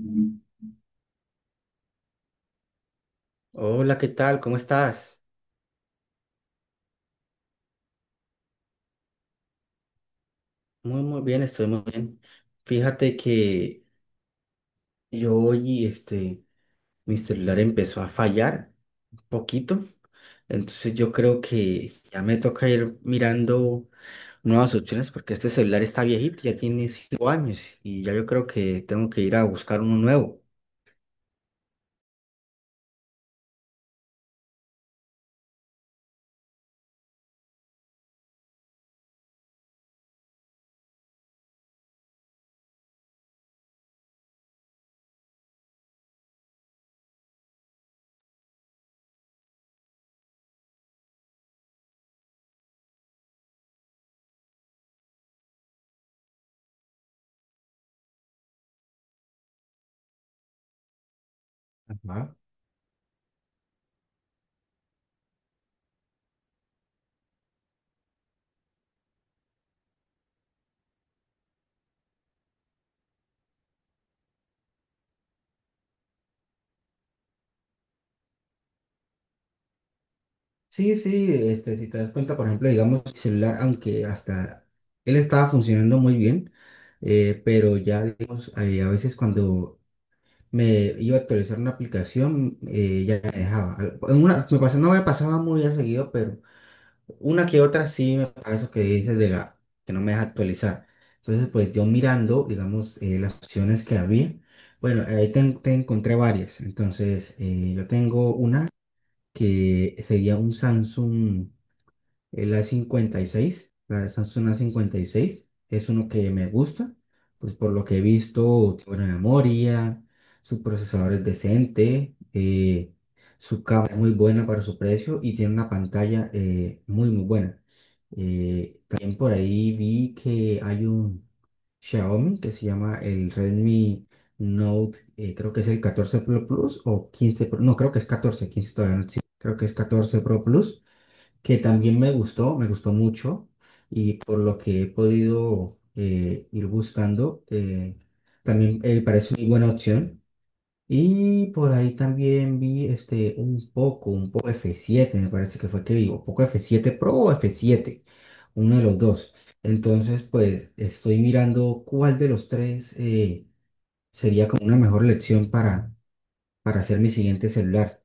Mm. Hola, ¿qué tal? ¿Cómo estás? Muy, muy bien, estoy muy bien. Fíjate que yo hoy, mi celular empezó a fallar un poquito, entonces yo creo que ya me toca ir mirando nuevas opciones porque este celular está viejito, ya tiene 5 años y ya yo creo que tengo que ir a buscar uno nuevo. Ajá. Sí, sí, si te das cuenta, por ejemplo, digamos, mi celular, aunque hasta él estaba funcionando muy bien, pero ya, digamos, a veces cuando me iba a actualizar una aplicación, ya me dejaba. En una, no me pasaba muy a seguido, pero una que otra sí me pasa eso que dices de la que no me deja actualizar. Entonces, pues yo mirando, digamos, las opciones que había, bueno, ahí te, te encontré varias. Entonces, yo tengo una que sería un Samsung. El A56, la Samsung A56 es uno que me gusta, pues por lo que he visto, tiene buena memoria, su procesador es decente, su cámara es muy buena para su precio y tiene una pantalla muy, muy buena. También por ahí vi que hay un Xiaomi que se llama el Redmi Note, creo que es el 14 Pro Plus o 15 Pro, no, creo que es 14, 15 todavía no existe, creo que es 14 Pro Plus, que también me gustó mucho, y por lo que he podido ir buscando, también parece una buena opción. Y por ahí también vi un poco F7 me parece que fue que vi, un poco F7 Pro o F7, uno de los dos. Entonces, pues estoy mirando cuál de los tres sería como una mejor elección para hacer mi siguiente celular.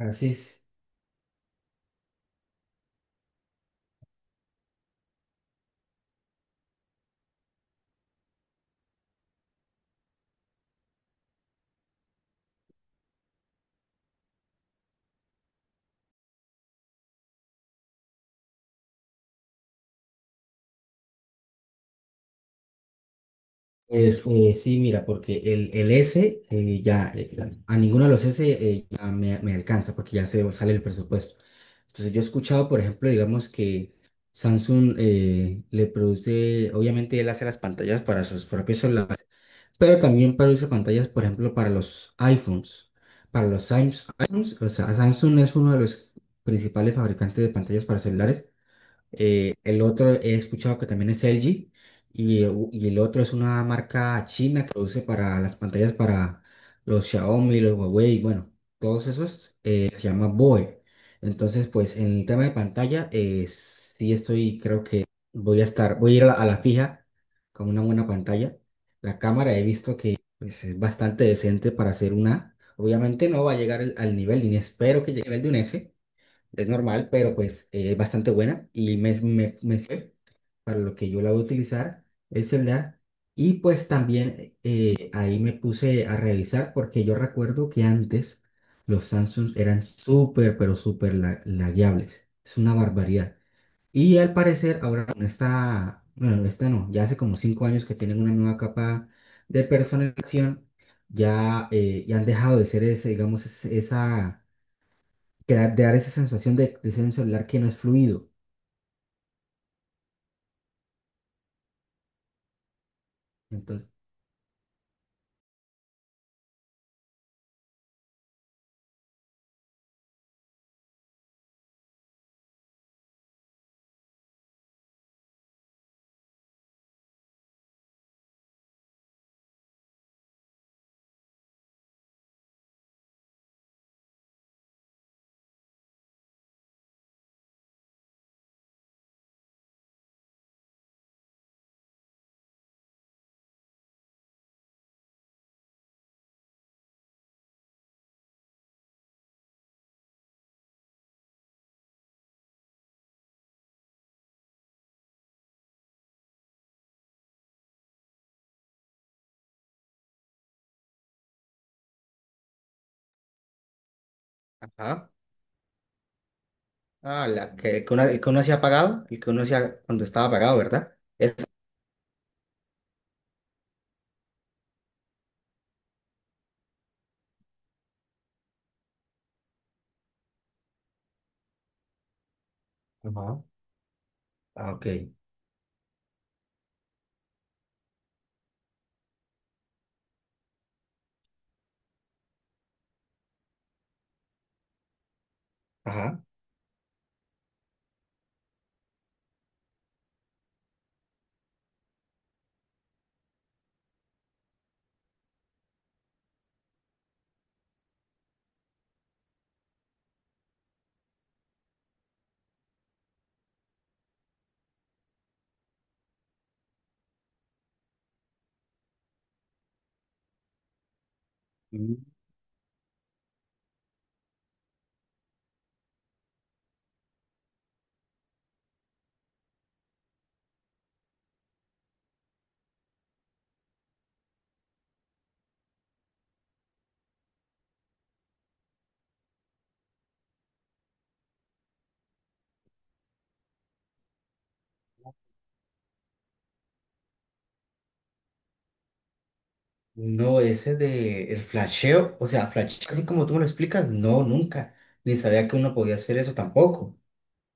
Así es. Pues sí, mira, porque el S ya, a ninguno de los S ya me alcanza porque ya se sale el presupuesto. Entonces yo he escuchado, por ejemplo, digamos que Samsung le produce, obviamente él hace las pantallas para sus propios celulares, pero también produce pantallas, por ejemplo, para los iPhones. Para los Samsung, iPhones, o sea, Samsung es uno de los principales fabricantes de pantallas para celulares, el otro he escuchado que también es LG y, y el otro es una marca china que produce para las pantallas para los Xiaomi, los Huawei, bueno, todos esos se llama BOE. Entonces, pues en el tema de pantalla, sí estoy, creo que voy a estar, voy a ir a la fija con una buena pantalla. La cámara he visto que pues, es bastante decente para hacer una. Obviamente no va a llegar al, al nivel, ni espero que llegue al de un S, es normal, pero pues es bastante buena y me sirve para lo que yo la voy a utilizar, el celular. Y pues también ahí me puse a revisar porque yo recuerdo que antes los Samsung eran súper, pero súper lagueables. Es una barbaridad. Y al parecer ahora con esta, bueno, esta no, ya hace como 5 años que tienen una nueva capa de personalización, ya, ya han dejado de ser ese, digamos, esa que de dar esa sensación de ser un celular que no es fluido. Entonces, Ajá. Ah, la que, el que uno se ha apagado, el que uno cuando estaba apagado, ¿verdad? Esa. Ajá. Ah, ok. Ajá. Mm. No, ese de el flasheo, o sea, flash, así como tú me lo explicas, no, nunca. Ni sabía que uno podía hacer eso tampoco.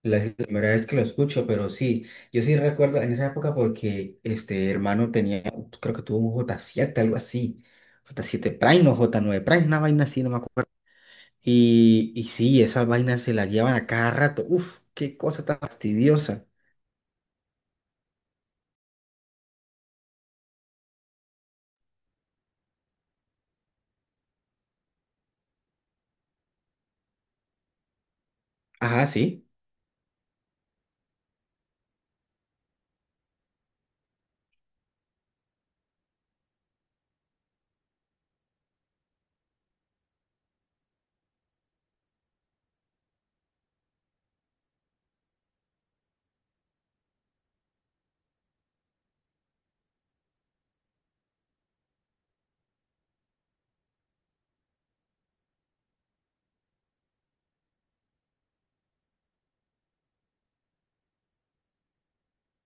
La, es la primera vez que lo escucho, pero sí, yo sí recuerdo en esa época porque este hermano tenía, creo que tuvo un J7 algo así. J siete Prime o J9 Prime, una vaina así, no me acuerdo. Y sí, esas vainas se las llevan a cada rato. Uf, qué cosa tan fastidiosa. Ajá, sí.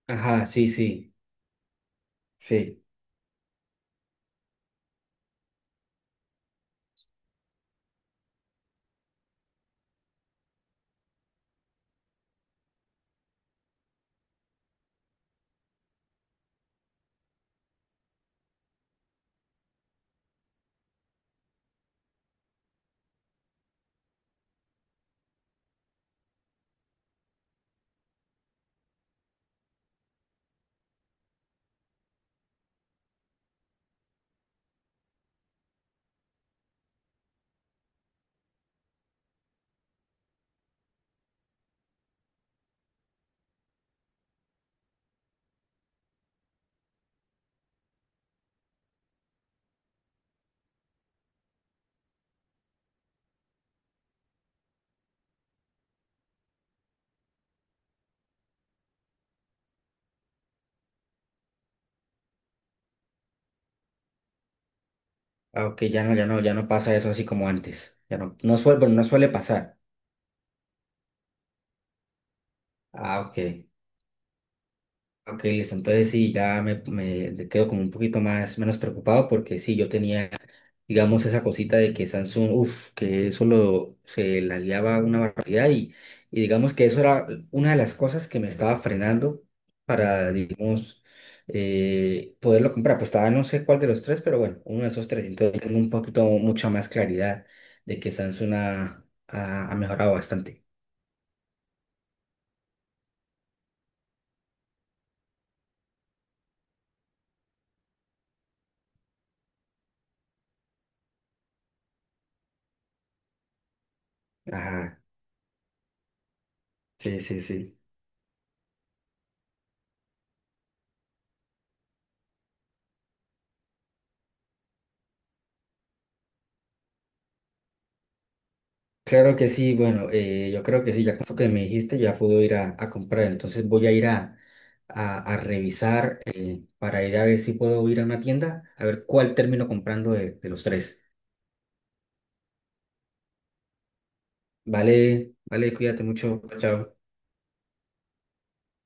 Ajá, sí, sí. Sí. Ah, ok, ya no, ya no, ya no pasa eso así como antes. Ya no, no suele, bueno, no suele pasar. Ah, ok. Ok, listo. Entonces sí, ya me quedo como un poquito más, menos preocupado porque sí, yo tenía digamos, esa cosita de que Samsung, uff, que eso lo, se la guiaba una barbaridad y digamos que eso era una de las cosas que me estaba frenando para, digamos, poderlo comprar. Pues estaba no sé cuál de los tres, pero bueno, uno de esos tres. Entonces tengo un poquito, mucha más claridad de que Samsung ha, ha mejorado bastante. Ajá, sí, sí, sí. Claro que sí, bueno, yo creo que sí, ya con eso que me dijiste ya puedo ir a comprar, entonces voy a ir a revisar para ir a ver si puedo ir a una tienda, a ver cuál termino comprando de los tres. Vale, vale, cuídate mucho, chao.